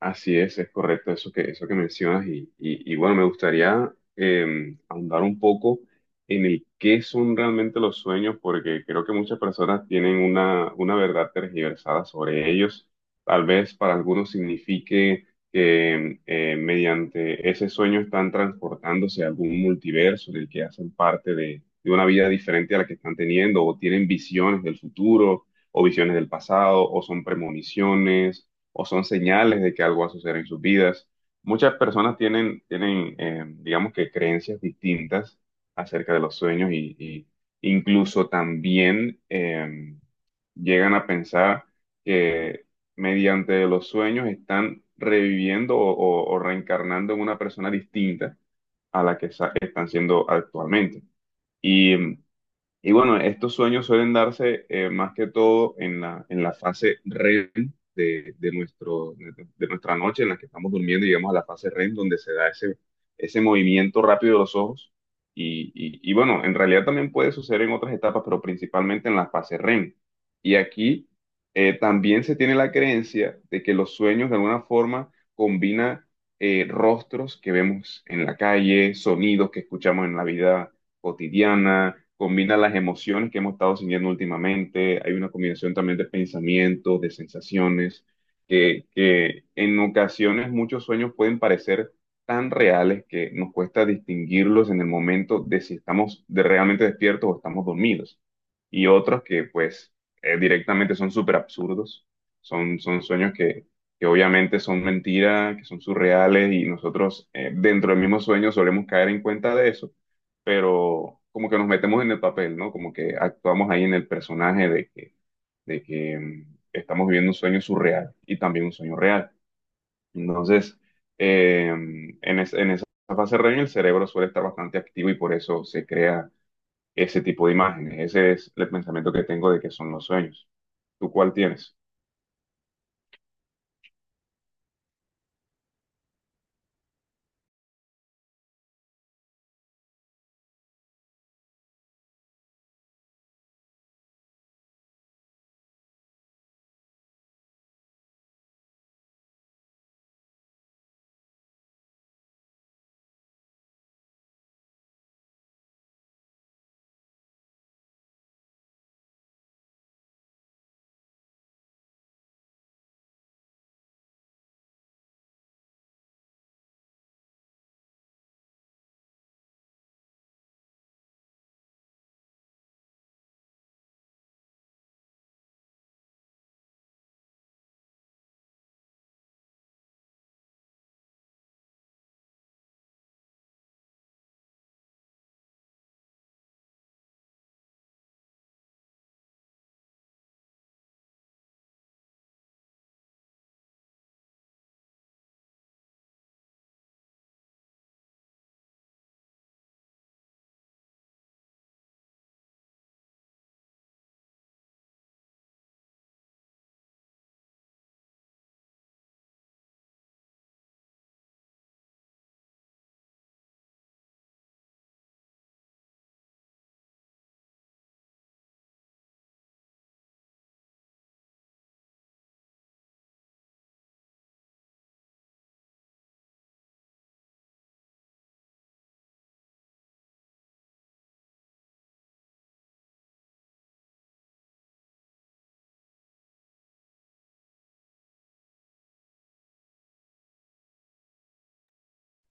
Así es correcto eso eso que mencionas y bueno, me gustaría ahondar un poco en el qué son realmente los sueños, porque creo que muchas personas tienen una verdad tergiversada sobre ellos. Tal vez para algunos signifique que mediante ese sueño están transportándose a algún multiverso del que hacen parte de una vida diferente a la que están teniendo, o tienen visiones del futuro, o visiones del pasado, o son premoniciones o son señales de que algo va a suceder en sus vidas. Muchas personas tienen, digamos que creencias distintas acerca de los sueños y incluso también llegan a pensar que mediante los sueños están reviviendo o reencarnando en una persona distinta a la que sa- están siendo actualmente. Y em, y bueno, estos sueños suelen darse más que todo en la fase REM de nuestro, de nuestra noche en la que estamos durmiendo, y llegamos a la fase REM donde se da ese movimiento rápido de los ojos. Y bueno, en realidad también puede suceder en otras etapas, pero principalmente en la fase REM. Y aquí también se tiene la creencia de que los sueños de alguna forma combina rostros que vemos en la calle, sonidos que escuchamos en la vida cotidiana, combina las emociones que hemos estado sintiendo últimamente, hay una combinación también de pensamientos, de sensaciones, que en ocasiones muchos sueños pueden parecer tan reales que nos cuesta distinguirlos en el momento de si estamos de- realmente despiertos o estamos dormidos. Y otros que pues directamente son súper absurdos, son sueños que obviamente son mentiras, que son surreales y nosotros dentro del mismo sueño solemos caer en cuenta de eso, pero como que nos metemos en el papel, ¿no? Como que actuamos ahí en el personaje de que, estamos viviendo un sueño surreal y también un sueño real. Entonces, en esa fase REM el cerebro suele estar bastante activo y por eso se crea ese tipo de imágenes. Ese es el pensamiento que tengo de que son los sueños. ¿Tú cuál tienes?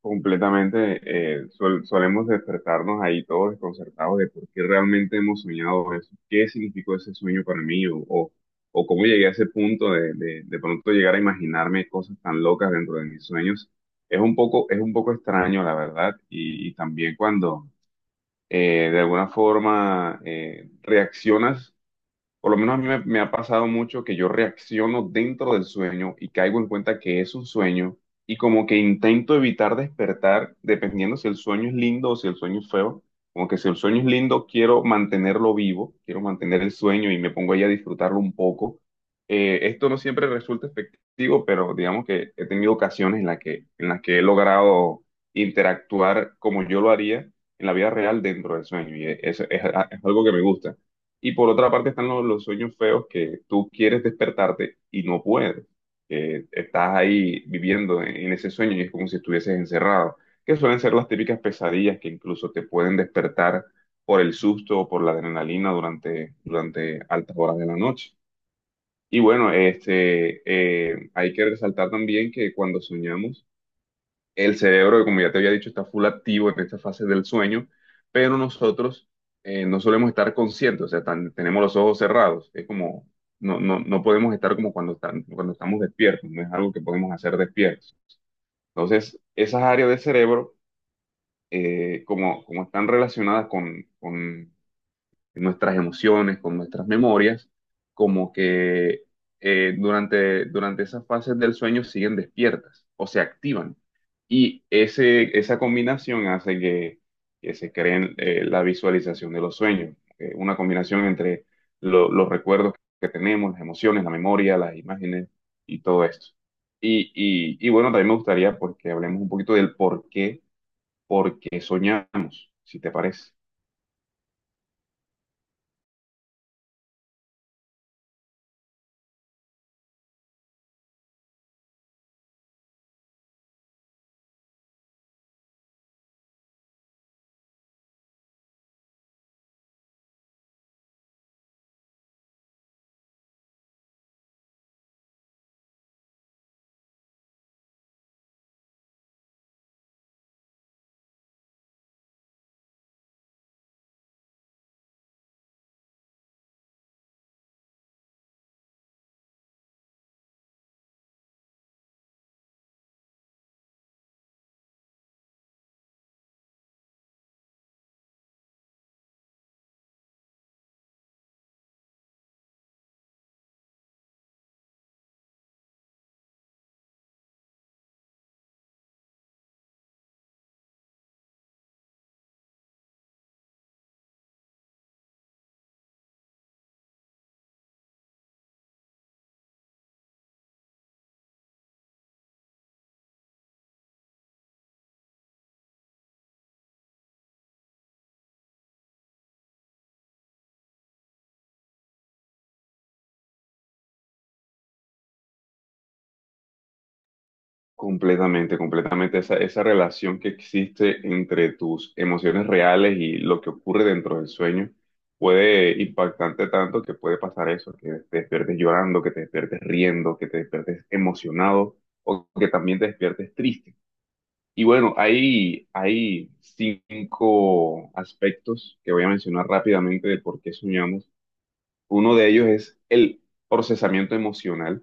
Completamente, solemos despertarnos ahí todos desconcertados de por qué realmente hemos soñado eso, qué significó ese sueño para mí o cómo llegué a ese punto de pronto llegar a imaginarme cosas tan locas dentro de mis sueños. Es un poco extraño, la verdad, y también cuando de alguna forma reaccionas, por lo menos a mí me ha pasado mucho que yo reacciono dentro del sueño y caigo en cuenta que es un sueño, y como que intento evitar despertar dependiendo si el sueño es lindo o si el sueño es feo. Como que si el sueño es lindo, quiero mantenerlo vivo, quiero mantener el sueño y me pongo ahí a disfrutarlo un poco. Esto no siempre resulta efectivo, pero digamos que he tenido ocasiones en las que he logrado interactuar como yo lo haría en la vida real dentro del sueño, y es algo que me gusta. Y por otra parte están los sueños feos que tú quieres despertarte y no puedes, que estás ahí viviendo en ese sueño y es como si estuvieses encerrado, que suelen ser las típicas pesadillas que incluso te pueden despertar por el susto o por la adrenalina durante altas horas de la noche. Y bueno, hay que resaltar también que cuando soñamos, el cerebro, que como ya te había dicho, está full activo en esta fase del sueño, pero nosotros no solemos estar conscientes, o sea, tan- tenemos los ojos cerrados, es como, no podemos estar como cuando, están, cuando estamos despiertos, no es algo que podemos hacer despiertos. Entonces, esas áreas del cerebro, como están relacionadas con nuestras emociones, con nuestras memorias, como que durante esas fases del sueño siguen despiertas o se activan. Y esa combinación hace que se creen la visualización de los sueños, una combinación entre los recuerdos que tenemos, las emociones, la memoria, las imágenes y todo esto. Y bueno, también me gustaría porque hablemos un poquito del por qué soñamos, si te parece. Completamente, completamente. Esa relación que existe entre tus emociones reales y lo que ocurre dentro del sueño puede impactarte tanto que puede pasar eso, que te despiertes llorando, que te despiertes riendo, que te despiertes emocionado o que también te despiertes triste. Y bueno, hay 5 aspectos que voy a mencionar rápidamente de por qué soñamos. Uno de ellos es el procesamiento emocional,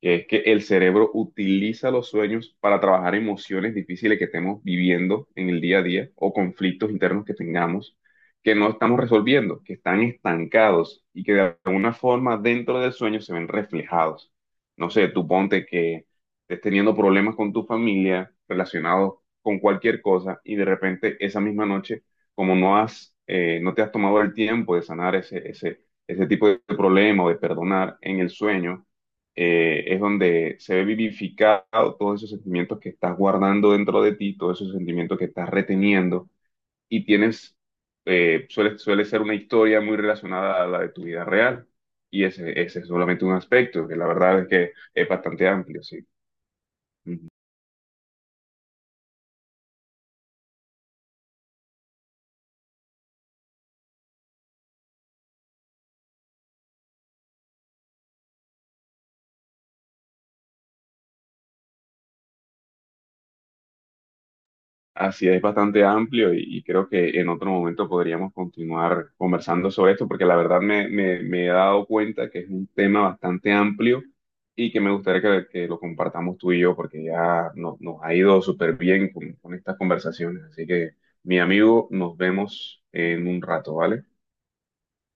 que es que el cerebro utiliza los sueños para trabajar emociones difíciles que estemos viviendo en el día a día o conflictos internos que tengamos, que no estamos resolviendo, que están estancados y que de alguna forma dentro del sueño se ven reflejados. No sé, tú ponte que estés teniendo problemas con tu familia relacionados con cualquier cosa, y de repente esa misma noche, como no has, no te has tomado el tiempo de sanar ese tipo de problema o de perdonar en el sueño, es donde se ve vivificado todos esos sentimientos que estás guardando dentro de ti, todos esos sentimientos que estás reteniendo y tienes, suele ser una historia muy relacionada a la de tu vida real. Y ese es solamente un aspecto, que la verdad es que es bastante amplio, sí. Así es, bastante amplio, y creo que en otro momento podríamos continuar conversando sobre esto, porque la verdad me he dado cuenta que es un tema bastante amplio y que me gustaría que lo compartamos tú y yo, porque ya no- nos ha ido súper bien con estas conversaciones. Así que, mi amigo, nos vemos en un rato, ¿vale?